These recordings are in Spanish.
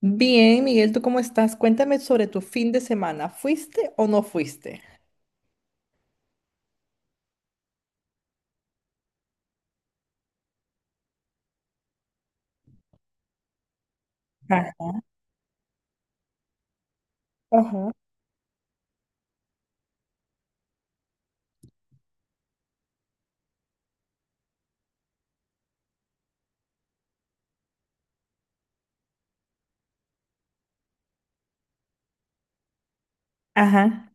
Bien, Miguel, ¿tú cómo estás? Cuéntame sobre tu fin de semana. ¿Fuiste o no fuiste? Ah, ajá, ajá,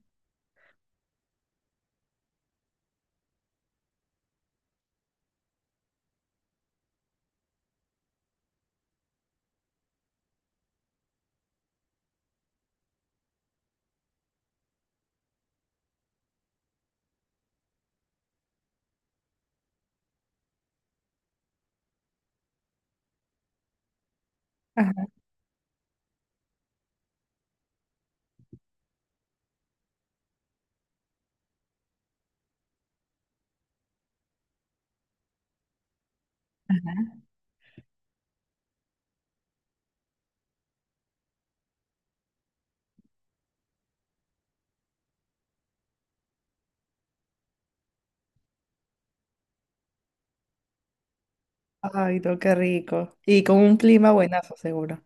ajá. Ay, no, qué rico. Y con un clima buenazo, seguro.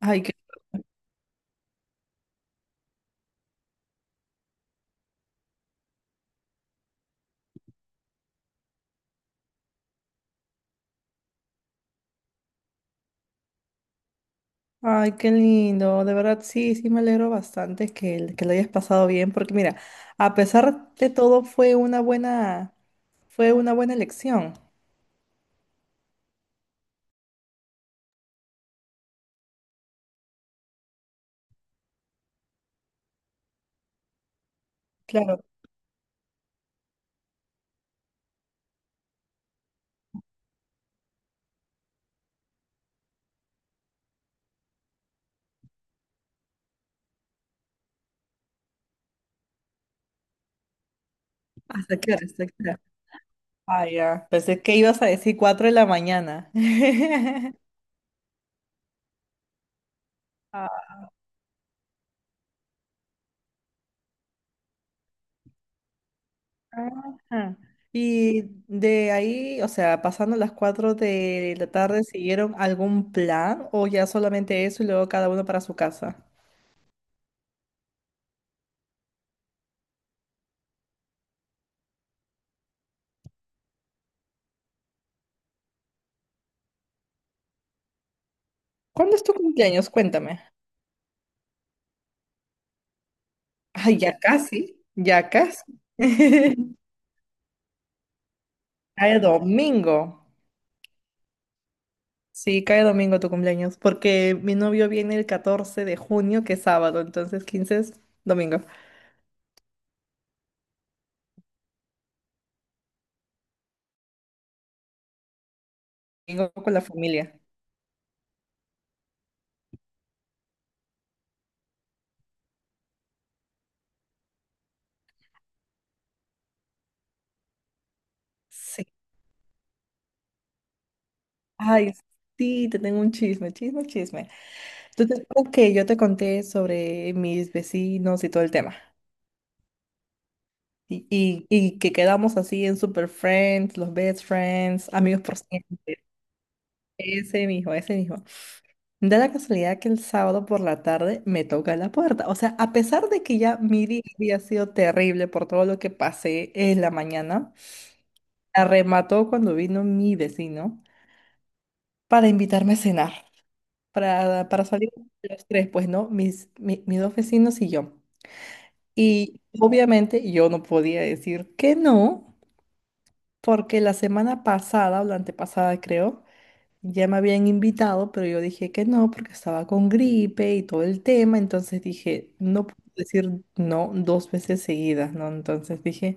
Ay, qué, Ay, qué lindo. De verdad, sí, sí, me alegro bastante que, que lo hayas pasado bien, porque mira, a pesar de todo, fue una buena elección. Claro. ¿Hasta qué hora? ¿Hasta qué hora? Ah, ya. Pensé que ibas a decir 4 de la mañana. Ajá. Y de ahí, o sea, pasando las 4 de la tarde, ¿siguieron algún plan o ya solamente eso y luego cada uno para su casa? ¿Cuándo es tu cumpleaños? Cuéntame. Ay, ya casi, ya casi. Cae domingo. Sí, cae domingo tu cumpleaños, porque mi novio viene el 14 de junio, que es sábado, entonces 15 es domingo. Domingo con la familia. Sí. Ay, sí, te tengo un chisme, chisme, chisme. Entonces, creo que yo te conté sobre mis vecinos y todo el tema. Y que quedamos así en super friends, los best friends, amigos por siempre. Ese mismo, ese mismo. Da la casualidad que el sábado por la tarde me toca la puerta. O sea, a pesar de que ya mi día había sido terrible por todo lo que pasé en la mañana, arremató cuando vino mi vecino para invitarme a cenar, para salir los tres, pues, ¿no? Mis dos vecinos y yo. Y obviamente yo no podía decir que no, porque la semana pasada o la antepasada creo, ya me habían invitado, pero yo dije que no porque estaba con gripe y todo el tema, entonces dije, no puedo decir no dos veces seguidas, ¿no? Entonces dije,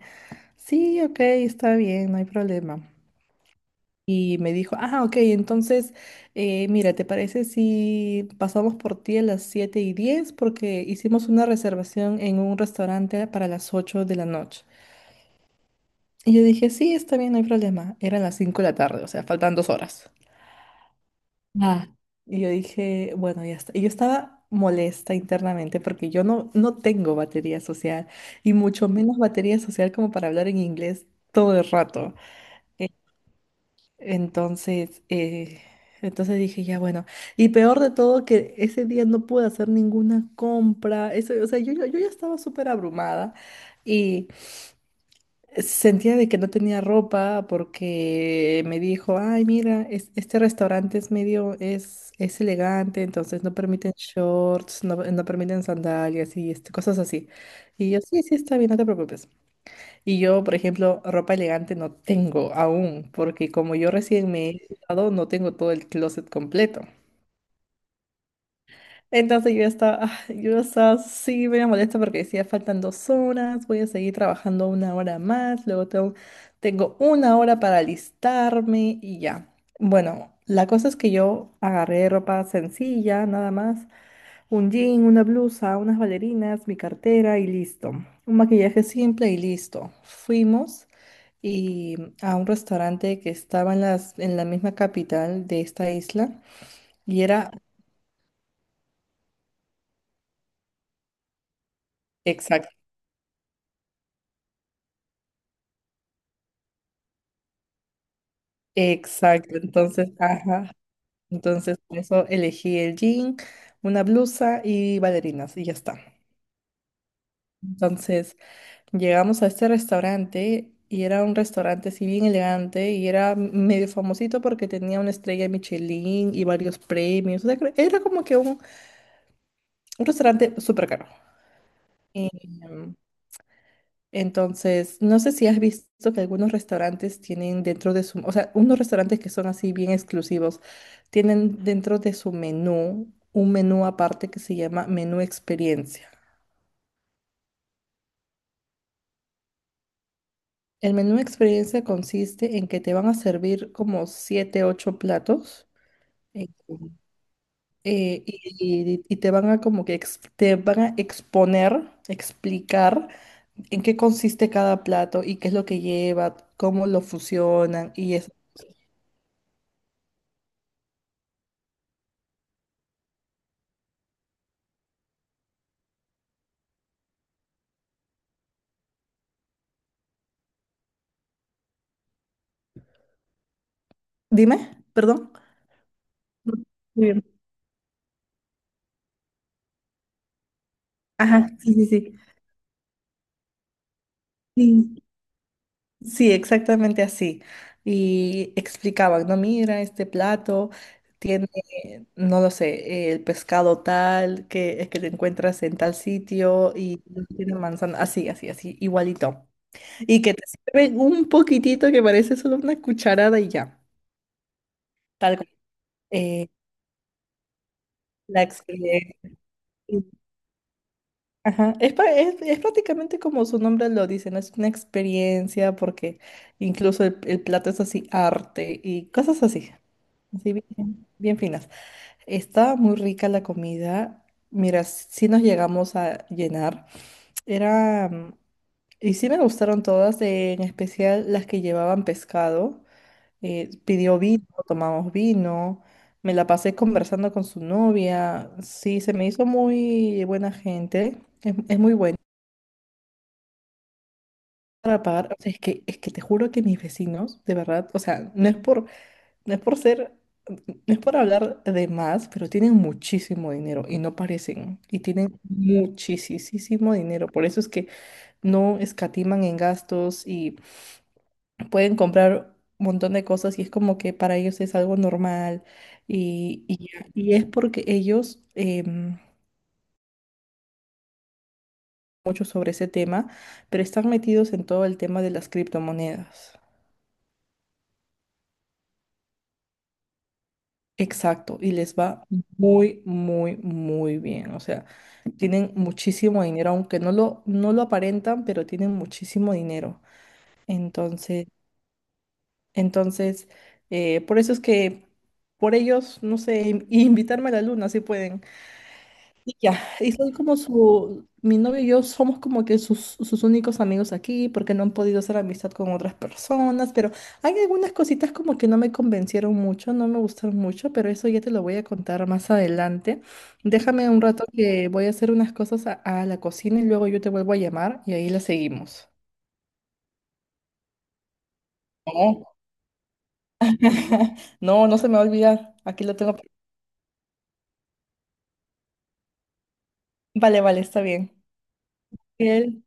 sí, ok, está bien, no hay problema. Y me dijo, ah, ok, entonces, mira, ¿te parece si pasamos por ti a las 7:10? Porque hicimos una reservación en un restaurante para las 8 de la noche. Y yo dije, sí, está bien, no hay problema. Eran las 5 de la tarde, o sea, faltan 2 horas. Ah, y yo dije, bueno, ya está. Y yo estaba molesta internamente porque yo no, no tengo batería social y mucho menos batería social como para hablar en inglés todo el rato. Eh, Entonces, eh, entonces, dije, ya bueno. Y peor de todo que ese día no pude hacer ninguna compra. Eso, o sea, yo ya estaba súper abrumada. Sentía de que no tenía ropa porque me dijo, ay, mira, este restaurante es medio, es elegante, entonces no permiten shorts, no, no permiten sandalias y este, cosas así. Y yo, sí, sí, está bien, no te preocupes. Y yo, por ejemplo, ropa elegante no tengo aún, porque como yo recién me he mudado, no tengo todo el closet completo. Entonces yo estaba, yo estaba así, me molesta porque decía faltan 2 horas, voy a seguir trabajando una hora más, luego tengo una hora para alistarme y ya. Bueno, la cosa es que yo agarré ropa sencilla, nada más, un jean, una blusa, unas bailarinas, mi cartera y listo. Un maquillaje simple y listo. Fuimos y a un restaurante que estaba en las, en la misma capital de esta isla y era. Exacto, entonces, ajá. Entonces, por eso elegí el jean, una blusa y bailarinas, y ya está. Entonces, llegamos a este restaurante y era un restaurante así bien elegante y era medio famosito porque tenía una estrella Michelin y varios premios. O sea, era como que un restaurante súper caro. Entonces, no sé si has visto que algunos restaurantes tienen dentro de su, o sea, unos restaurantes que son así bien exclusivos, tienen dentro de su menú un menú aparte que se llama menú experiencia. El menú experiencia consiste en que te van a servir como siete, ocho platos, eh, y te van a exponer, explicar en qué consiste cada plato y qué es lo que lleva, cómo lo fusionan y eso. Dime, perdón. Muy bien. Ajá, sí, sí, sí. Sí, sí, exactamente así. Y explicaban, no, mira, este plato tiene, no lo sé, el pescado tal, que lo encuentras en tal sitio y no tiene manzana, así, así, así, igualito. Y que te sirven un poquitito que parece solo una cucharada y ya. Tal cual. Eh, la experiencia. Ajá, es prácticamente como su nombre lo dice, ¿no? Es una experiencia porque incluso el plato es así arte y cosas así, así bien, bien finas. Estaba muy rica la comida, mira, sí nos llegamos a llenar. Era, mm, y sí me gustaron todas, en especial las que llevaban pescado. Pidió vino, tomamos vino, me la pasé conversando con su novia, sí, se me hizo muy buena gente, es muy buena. Para O sea, es que, te juro que mis vecinos, de verdad, o sea, no es por ser, no es por hablar de más, pero tienen muchísimo dinero y no parecen. Y tienen muchísimo dinero. Por eso es que no escatiman en gastos y pueden comprar un montón de cosas y es como que para ellos es algo normal. Y es porque ellos, mucho sobre ese tema, pero están metidos en todo el tema de las criptomonedas. Exacto, y les va muy, muy, muy bien. O sea, tienen muchísimo dinero, aunque no lo aparentan, pero tienen muchísimo dinero. Entonces, entonces, por eso es que por ellos, no sé, invitarme a la luna, si pueden. Y ya, y soy mi novio y yo somos como que sus únicos amigos aquí porque no han podido hacer amistad con otras personas, pero hay algunas cositas como que no me convencieron mucho, no me gustaron mucho, pero eso ya te lo voy a contar más adelante. Déjame un rato que voy a hacer unas cosas a la cocina y luego yo te vuelvo a llamar y ahí la seguimos. No, no, no se me va a olvidar, aquí lo tengo. Vale, vale, está bien. Bien.